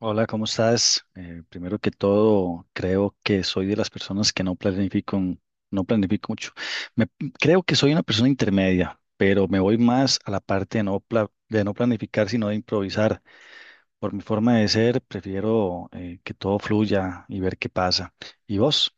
Hola, ¿cómo estás? Primero que todo, creo que soy de las personas que no planifico, no planifico mucho. Me- Creo que soy una persona intermedia, pero me voy más a la parte de no, de no planificar, sino de improvisar. Por mi forma de ser, prefiero que todo fluya y ver qué pasa. ¿Y vos?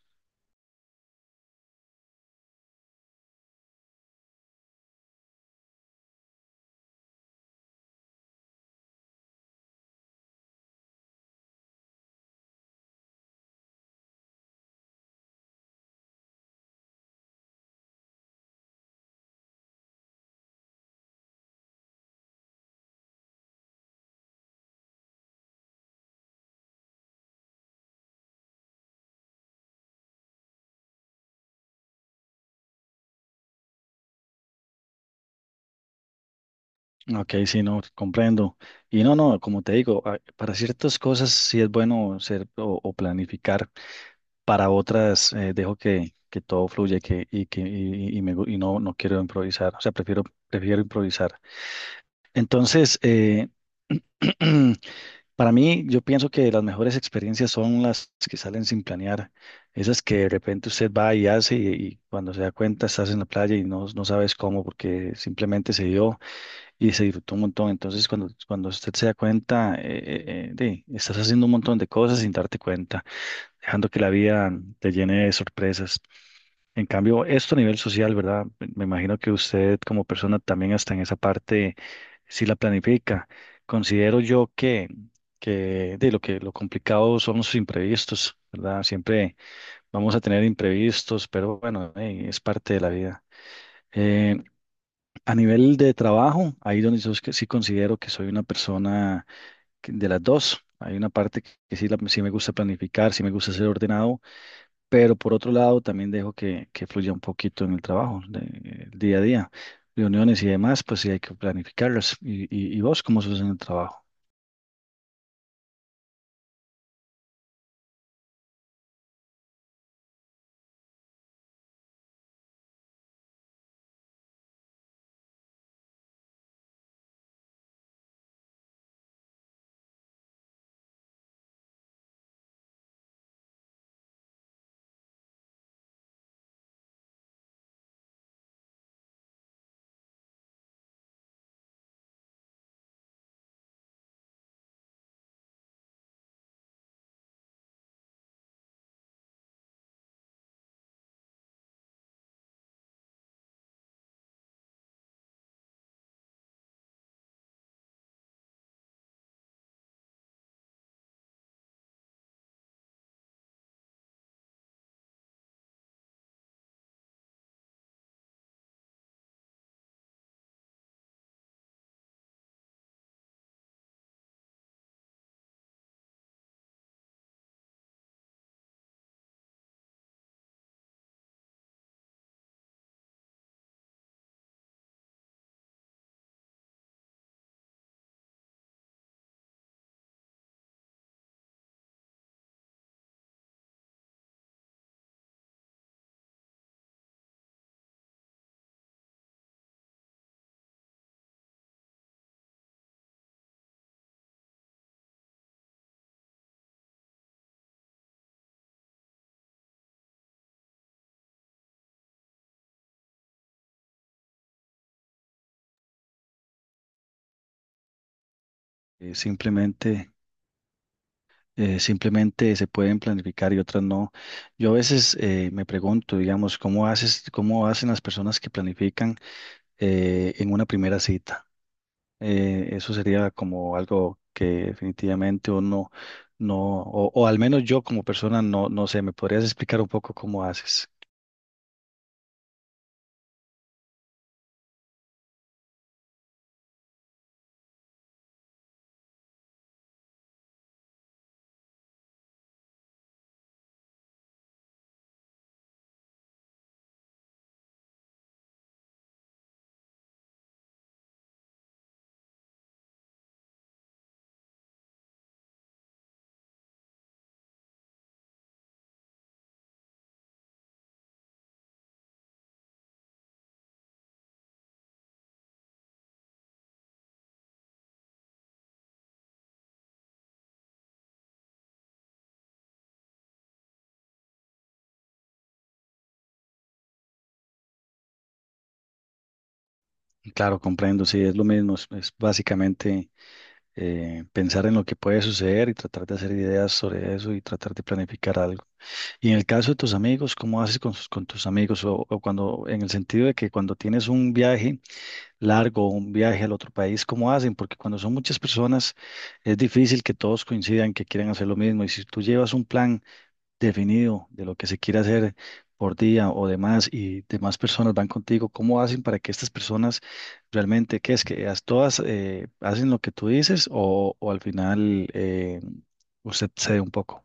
Ok, sí, no, comprendo. Y no, no, como te digo, para ciertas cosas sí es bueno ser o planificar. Para otras dejo que todo fluya y y y no, no quiero improvisar. O sea, prefiero, prefiero improvisar. Entonces, para mí, yo pienso que las mejores experiencias son las que salen sin planear. Esas que de repente usted va y hace y cuando se da cuenta estás en la playa y no, no sabes cómo porque simplemente se dio y se disfrutó un montón. Entonces, cuando usted se da cuenta, estás haciendo un montón de cosas sin darte cuenta, dejando que la vida te llene de sorpresas. En cambio, esto a nivel social, ¿verdad? Me imagino que usted como persona también hasta en esa parte sí la planifica. Considero yo que de lo que lo complicado son los imprevistos, ¿verdad? Siempre vamos a tener imprevistos, pero bueno, es parte de la vida. Eh, a nivel de trabajo, ahí donde yo es que sí considero que soy una persona de las dos. Hay una parte que sí, sí me gusta planificar, sí me gusta ser ordenado, pero por otro lado, también dejo que fluya un poquito en el trabajo, el día a día, reuniones y demás, pues sí hay que planificarlas. Y vos cómo sos en el trabajo? Eh, simplemente, simplemente se pueden planificar y otras no. Yo a veces me pregunto, digamos, ¿cómo haces, cómo hacen las personas que planifican en una primera cita? Eso sería como algo que definitivamente uno no, no, o al menos yo como persona no, no sé, ¿me podrías explicar un poco cómo haces? Claro, comprendo, sí, es lo mismo, es básicamente pensar en lo que puede suceder y tratar de hacer ideas sobre eso y tratar de planificar algo. Y en el caso de tus amigos, ¿cómo haces con, con tus amigos? O cuando, en el sentido de que cuando tienes un viaje largo, un viaje al otro país, ¿cómo hacen? Porque cuando son muchas personas es difícil que todos coincidan que quieran hacer lo mismo. Y si tú llevas un plan definido de lo que se quiere hacer por día o demás y demás personas van contigo, ¿cómo hacen para que estas personas realmente, qué es todas hacen lo que tú dices o al final usted cede un poco?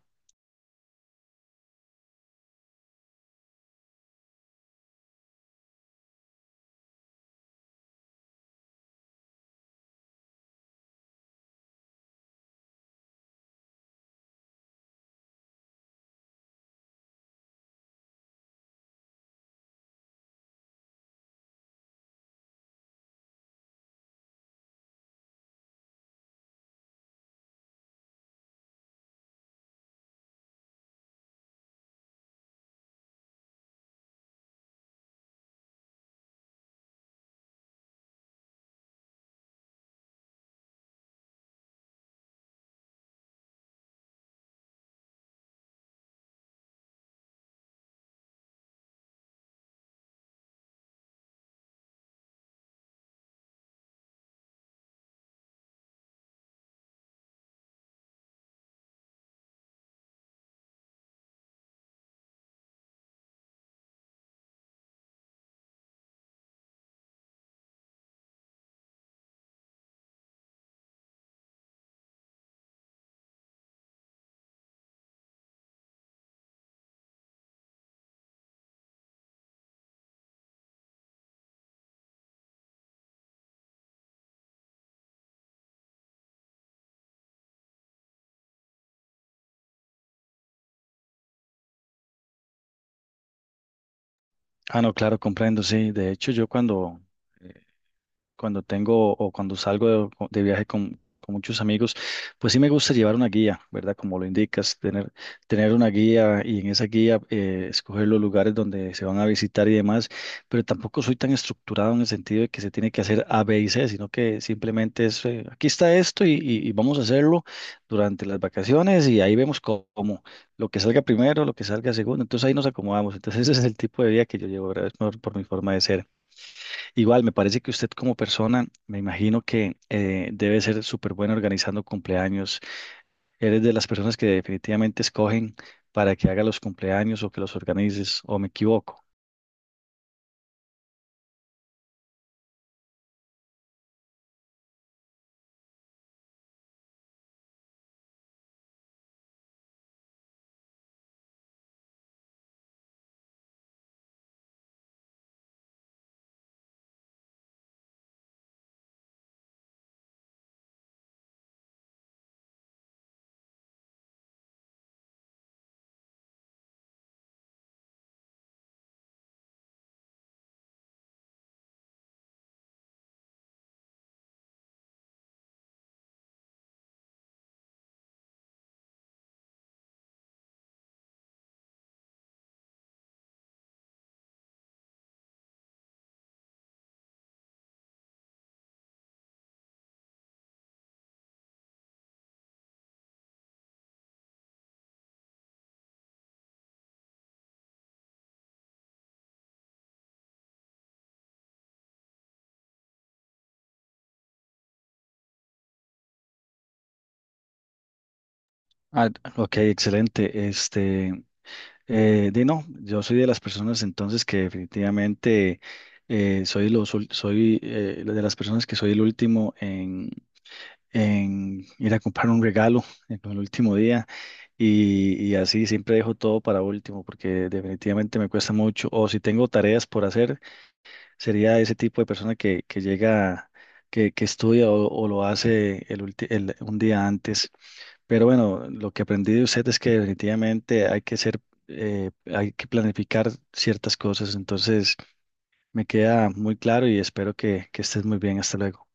Ah, no, claro, comprendo, sí. De hecho, yo cuando eh, cuando tengo o cuando salgo de viaje con muchos amigos, pues sí me gusta llevar una guía, ¿verdad? Como lo indicas, tener, tener una guía y en esa guía escoger los lugares donde se van a visitar y demás, pero tampoco soy tan estructurado en el sentido de que se tiene que hacer A, B y C, sino que simplemente es, aquí está esto y vamos a hacerlo durante las vacaciones y ahí vemos cómo, lo que salga primero, lo que salga segundo, entonces ahí nos acomodamos, entonces ese es el tipo de vida que yo llevo, ¿verdad? Es por mi forma de ser. Igual, me parece que usted como persona, me imagino que debe ser súper buena organizando cumpleaños. Eres de las personas que definitivamente escogen para que haga los cumpleaños o que los organices, o me equivoco. Ah, ok, excelente. Este, di no, yo soy de las personas entonces que definitivamente soy de las personas que soy el último en ir a comprar un regalo en el último día. Y así siempre dejo todo para último porque definitivamente me cuesta mucho. O si tengo tareas por hacer, sería ese tipo de persona que llega, que estudia o lo hace el un día antes. Pero bueno, lo que aprendí de usted es que definitivamente hay que ser, hay que planificar ciertas cosas. Entonces me queda muy claro y espero que estés muy bien. Hasta luego.